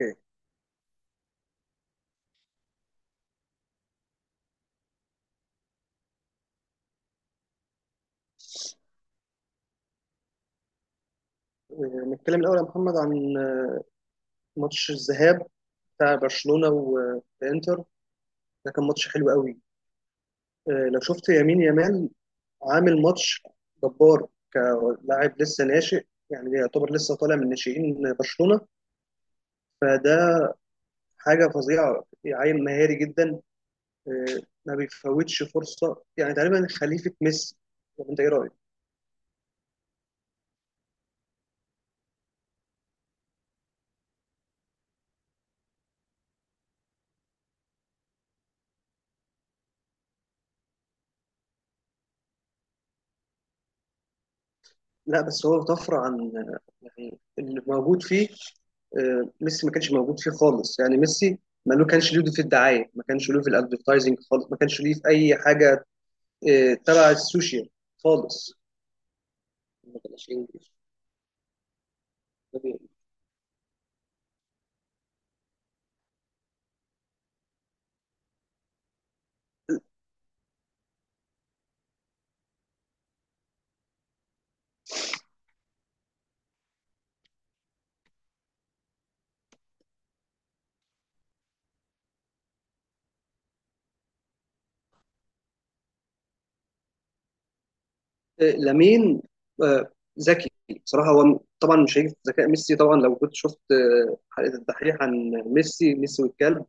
اوكي. نتكلم الاول يا محمد عن ماتش الذهاب بتاع برشلونه وانتر. ده كان ماتش حلو قوي. لو شفت يمين يامال عامل ماتش جبار كلاعب لسه ناشئ، يعني يعتبر لسه طالع من ناشئين برشلونه، فده حاجه فظيعه، عيل مهاري جدا. آه، ما بيفوتش فرصه، يعني تقريبا خليفه ميسي، ولا انت ايه رايك؟ لا بس هو طفره عن، يعني اللي موجود فيه. ميسي ما كانش موجود فيه خالص، يعني ميسي ما له كانش له دور في الدعايه، ما كانش له في الادفرتايزنج خالص، ما كانش له في اي حاجه تبع السوشيال خالص. ما كانش انجلش طبيعي. لامين آه، ذكي. بصراحه هو طبعا مش هيجي في ذكاء ميسي، طبعا لو كنت شفت حلقه الدحيح عن ميسي، ميسي والكلب،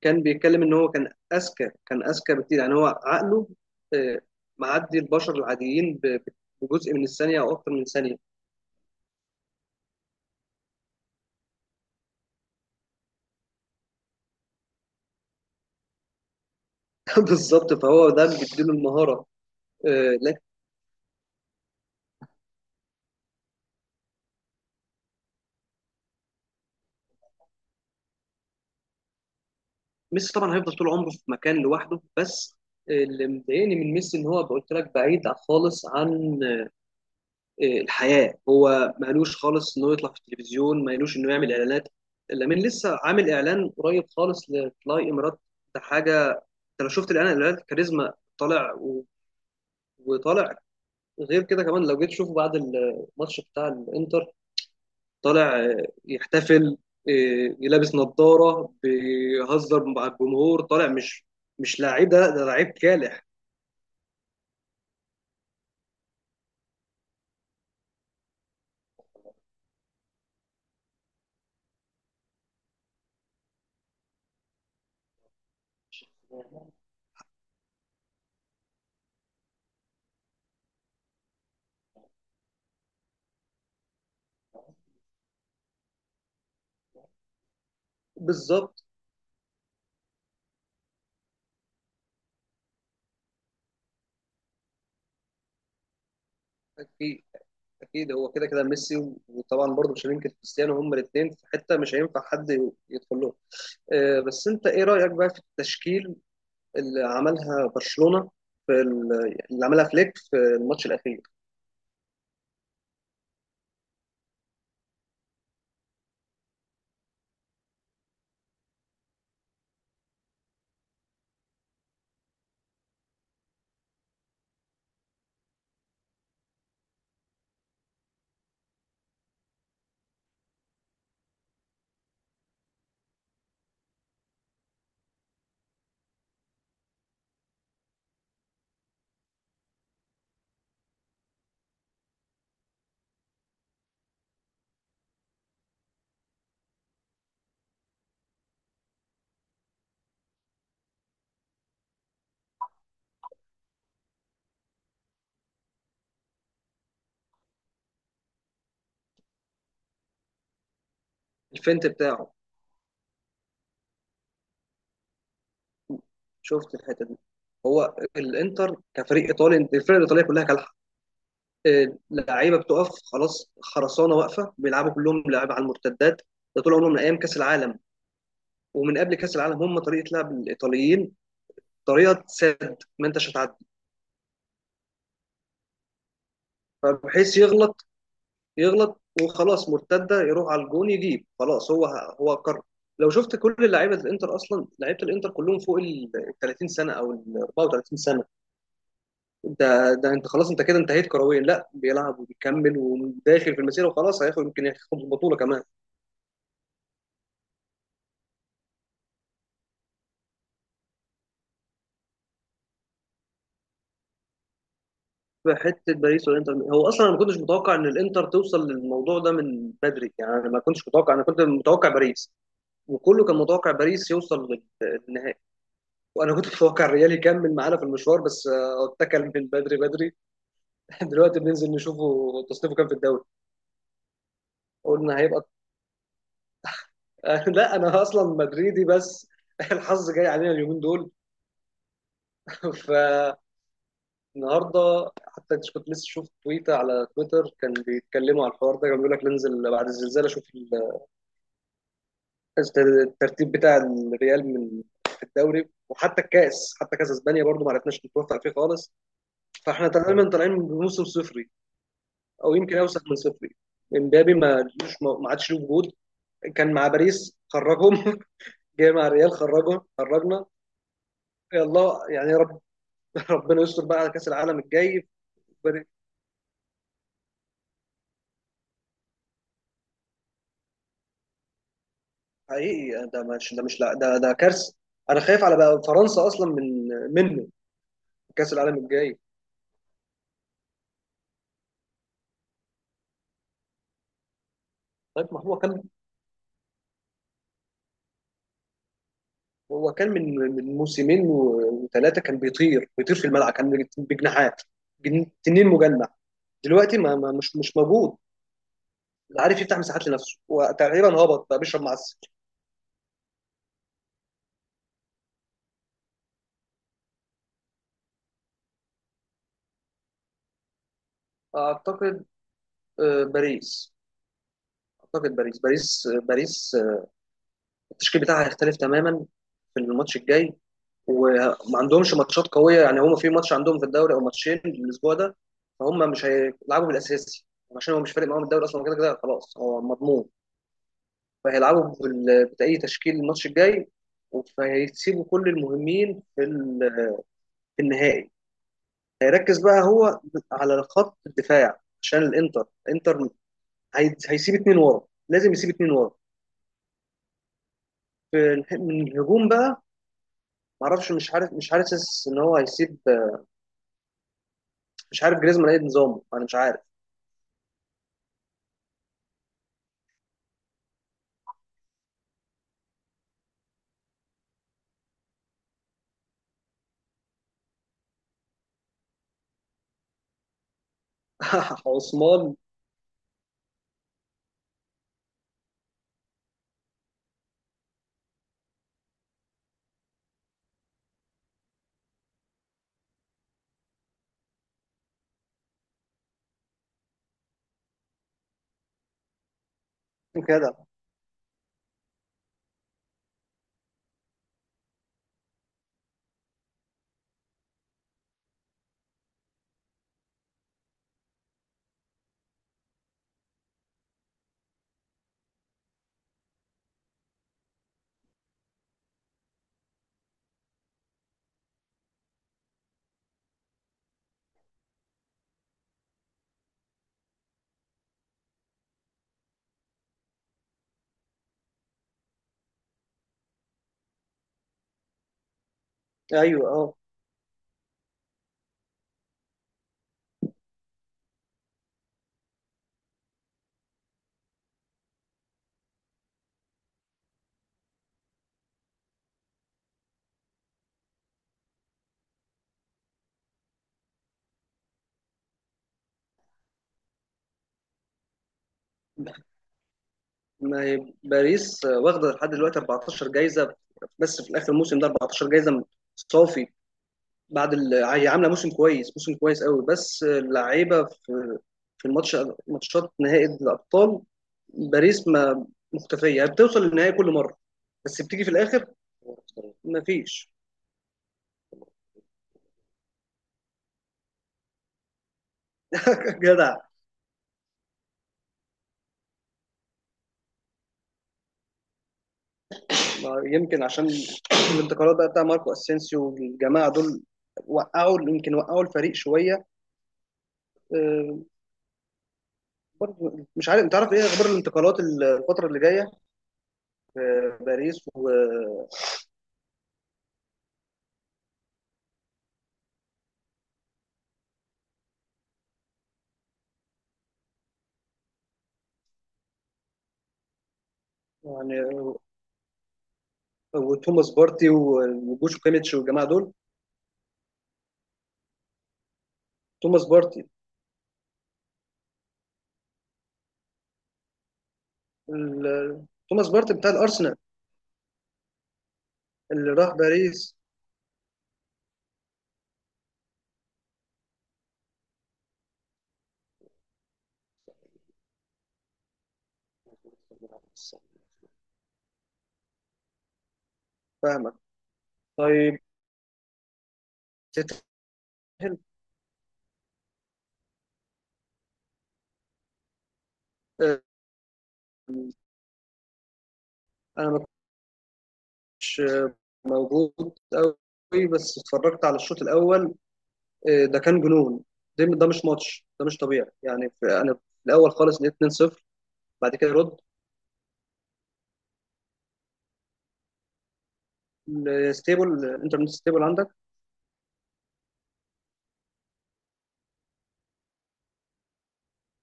كان بيتكلم ان هو كان اذكى، كان اذكى بكتير. يعني هو عقله آه، معدي البشر العاديين بجزء من الثانيه او اكتر من ثانيه. بالظبط، فهو ده اللي بيديله المهاره. لكن ميسي طبعا هيفضل طول عمره في مكان لوحده. بس اللي مضايقني من ميسي ان هو، قلت لك، بعيد خالص عن الحياه. هو مالوش خالص انه يطلع في التلفزيون، مالوش انه يعمل اعلانات. لامين لسه عامل اعلان قريب خالص لفلاي امارات. ده حاجه، انت لو شفت الاعلان، الاعلان كاريزما طالع وطالع. غير كده كمان، لو جيت تشوفه بعد الماتش بتاع الانتر طالع يحتفل، لابس نظارة بيهزر مع الجمهور طالع. مش لعيب، ده لعيب كالح. بالظبط. اكيد اكيد هو كده كده ميسي وطبعا برضه مش هننكر كريستيانو، هما الاثنين في حته مش هينفع حد يدخل لهم. بس انت ايه رايك بقى في التشكيل اللي عملها برشلونه في ال- اللي عملها فليك في الماتش الاخير؟ الفنت بتاعه، شفت الحته دي؟ هو الانتر كفريق ايطالي، انت الفرق الايطاليه كلها كالحه. لعيبه بتقف خلاص، خرسانه واقفه، بيلعبوا كلهم لعب على المرتدات. ده طول عمرهم من ايام كاس العالم، ومن قبل كاس العالم هم، طريقه لعب الايطاليين طريقه سد، ما انتش هتعدي. فبحيث يغلط، يغلط وخلاص مرتده يروح على الجون يجيب. خلاص هو، هو قرر. لو شفت كل لعيبه الانتر، اصلا لعيبه الانتر كلهم فوق ال 30 سنه او ال 34 سنه. ده انت خلاص، انت كده انتهيت كرويا. لا بيلعب وبيكمل وداخل في المسيره، وخلاص هياخد، يمكن ياخد البطوله كمان. في حته باريس والانتر، هو اصلا انا ما كنتش متوقع ان الانتر توصل للموضوع ده من بدري. يعني انا ما كنتش متوقع، انا كنت متوقع باريس، وكله كان متوقع باريس يوصل للنهائي. وانا كنت متوقع الريال يكمل معانا في المشوار، بس اتكل من بدري بدري. دلوقتي بننزل نشوفه تصنيفه كام في الدوري. قلنا هيبقى. لا، انا اصلا مدريدي. بس الحظ جاي علينا اليومين دول. ف النهارده حتى كنت لسه شفت تويته على تويتر، كان بيتكلموا على الحوار ده. كان بيقول لك ننزل بعد الزلزال اشوف الترتيب بتاع الريال من في الدوري. وحتى الكاس، حتى كاس اسبانيا برضو ما عرفناش نتوفق فيه خالص. فاحنا تقريبا طالعين بموسم صفري، او يمكن اوسخ من صفري. امبابي ما لوش، ما عادش له وجود. كان مع باريس خرجهم، جاي مع الريال خرجهم، خرجنا. يلا يعني يا رب، ربنا يستر بقى على كاس العالم الجاي. حقيقي ده مش، ده مش، لا ده ده كارثه. انا خايف على بقى فرنسا اصلا من، منه، في كاس العالم الجاي. طيب ما هو كان، هو كان من موسمين وثلاثه، كان بيطير بيطير في الملعب، كان بجناحات. تنين مجنح. دلوقتي مش موجود. لا عارف يفتح مساحات لنفسه، وتقريبا هبط بقى بيشرب معسل. اعتقد باريس. اعتقد باريس، باريس، باريس، التشكيل بتاعها هيختلف تماما في الماتش الجاي. وما عندهمش ماتشات قويه، يعني هم في ماتش عندهم في الدوري او ماتشين الاسبوع ده. فهم مش هيلعبوا بالاساسي، عشان هو مش فارق معاهم الدوري اصلا، كده كده خلاص هو مضمون. فهيلعبوا باي تشكيل الماتش الجاي، فهيسيبوا كل المهمين في النهائي. هيركز بقى هو على خط الدفاع عشان الانتر، الانتر هيسيب اتنين ورا، لازم يسيب اتنين ورا من الهجوم بقى. معرفش، مش عارف، مش حاسس ان هو هيسيب، مش عارف جريزمان ايه نظامه، انا مش عارف. عثمان كده. ايوه اه. ما هي باريس واخده لحد دلوقتي 14 جايزه، بس في الاخر الموسم ده 14 جايزه صافي. هي عامله موسم كويس، موسم كويس قوي، بس اللعيبه في الماتش، ماتشات نهائي الابطال باريس ما مختفيه، هي بتوصل للنهائي كل مره بس بتيجي في الاخر. ما فيش. جدع. ما يمكن عشان الانتقالات بقى بتاع ماركو اسينسيو والجماعه دول وقعوا، يمكن وقعوا الفريق شويه. آه، برضه مش عارف، انت عارف ايه اخبار الانتقالات الفتره اللي جايه في باريس و، يعني، وتوماس بارتي وجوشو كيميتش والجماعه دول. توماس بارتي، توماس بارتي بتاع الارسنال اللي راح باريس. فاهمك. طيب، تتأهل. آه، انا ما كنتش موجود قوي، بس اتفرجت على الشوط الاول. ده كان جنون، ده ده مش ماتش، ده مش طبيعي يعني. انا في الاول خالص لقيت 2-0، بعد كده رد. لستيبل، الانترنت ستيبل عندك؟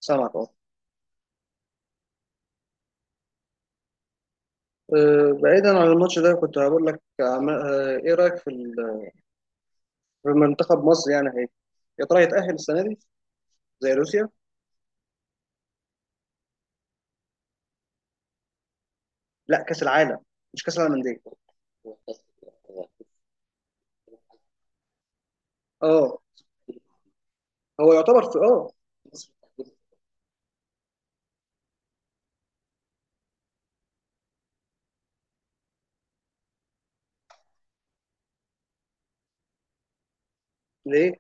سامعك اه. بعيدا عن الماتش ده، كنت هقول لك ايه رايك في منتخب مصر، يعني هي يا ترى يتاهل السنه دي زي روسيا؟ لا، كاس العالم، مش كاس العالم للانديه. اه هو يعتبر في اه. ليه؟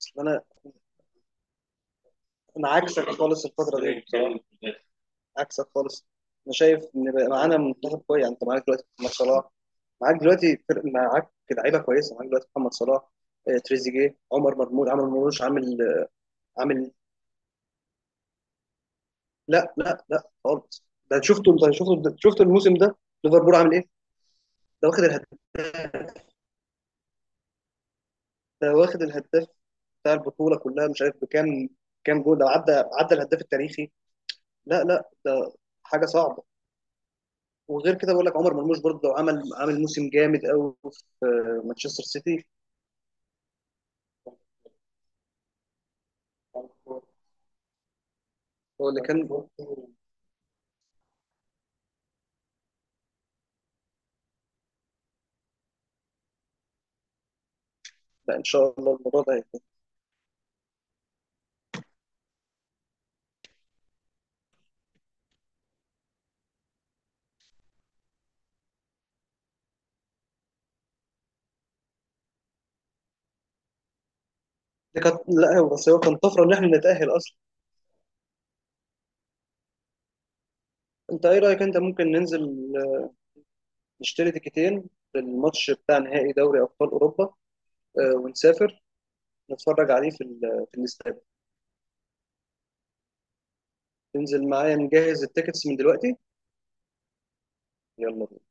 أصل انا، انا عكسك خالص الفتره دي، عكسك خالص. انا شايف ان بقى معانا منتخب كويس. يعني انت معاك دلوقتي محمد صلاح، معاك دلوقتي فرق، معاك لعيبه كويسه، معاك دلوقتي محمد صلاح، تريزيجيه، عمر مرموش، عمل مرموش عامل، عامل. لا لا لا خالص، ده شفته انت، شفته، شفت الموسم ده ليفربول عامل ايه؟ ده واخد الهداف، ده واخد الهداف بتاع البطوله كلها. مش عارف بكام، كام جول ده، عدى عدى الهداف التاريخي. لا لا ده حاجه صعبه. وغير كده بقول لك عمر مرموش برضه عمل، عامل موسم جامد قوي في مانشستر سيتي. هو اللي كان، لا ان شاء الله الموضوع ده. دي كانت، لا هو بس هو كان طفره ان احنا نتاهل اصلا. انت ايه رايك، انت ممكن ننزل آه، نشتري تيكتين للماتش بتاع نهائي دوري ابطال اوروبا، ونسافر نتفرج عليه في الاستاد؟ تنزل معايا نجهز التيكتس من دلوقتي؟ يلا بينا.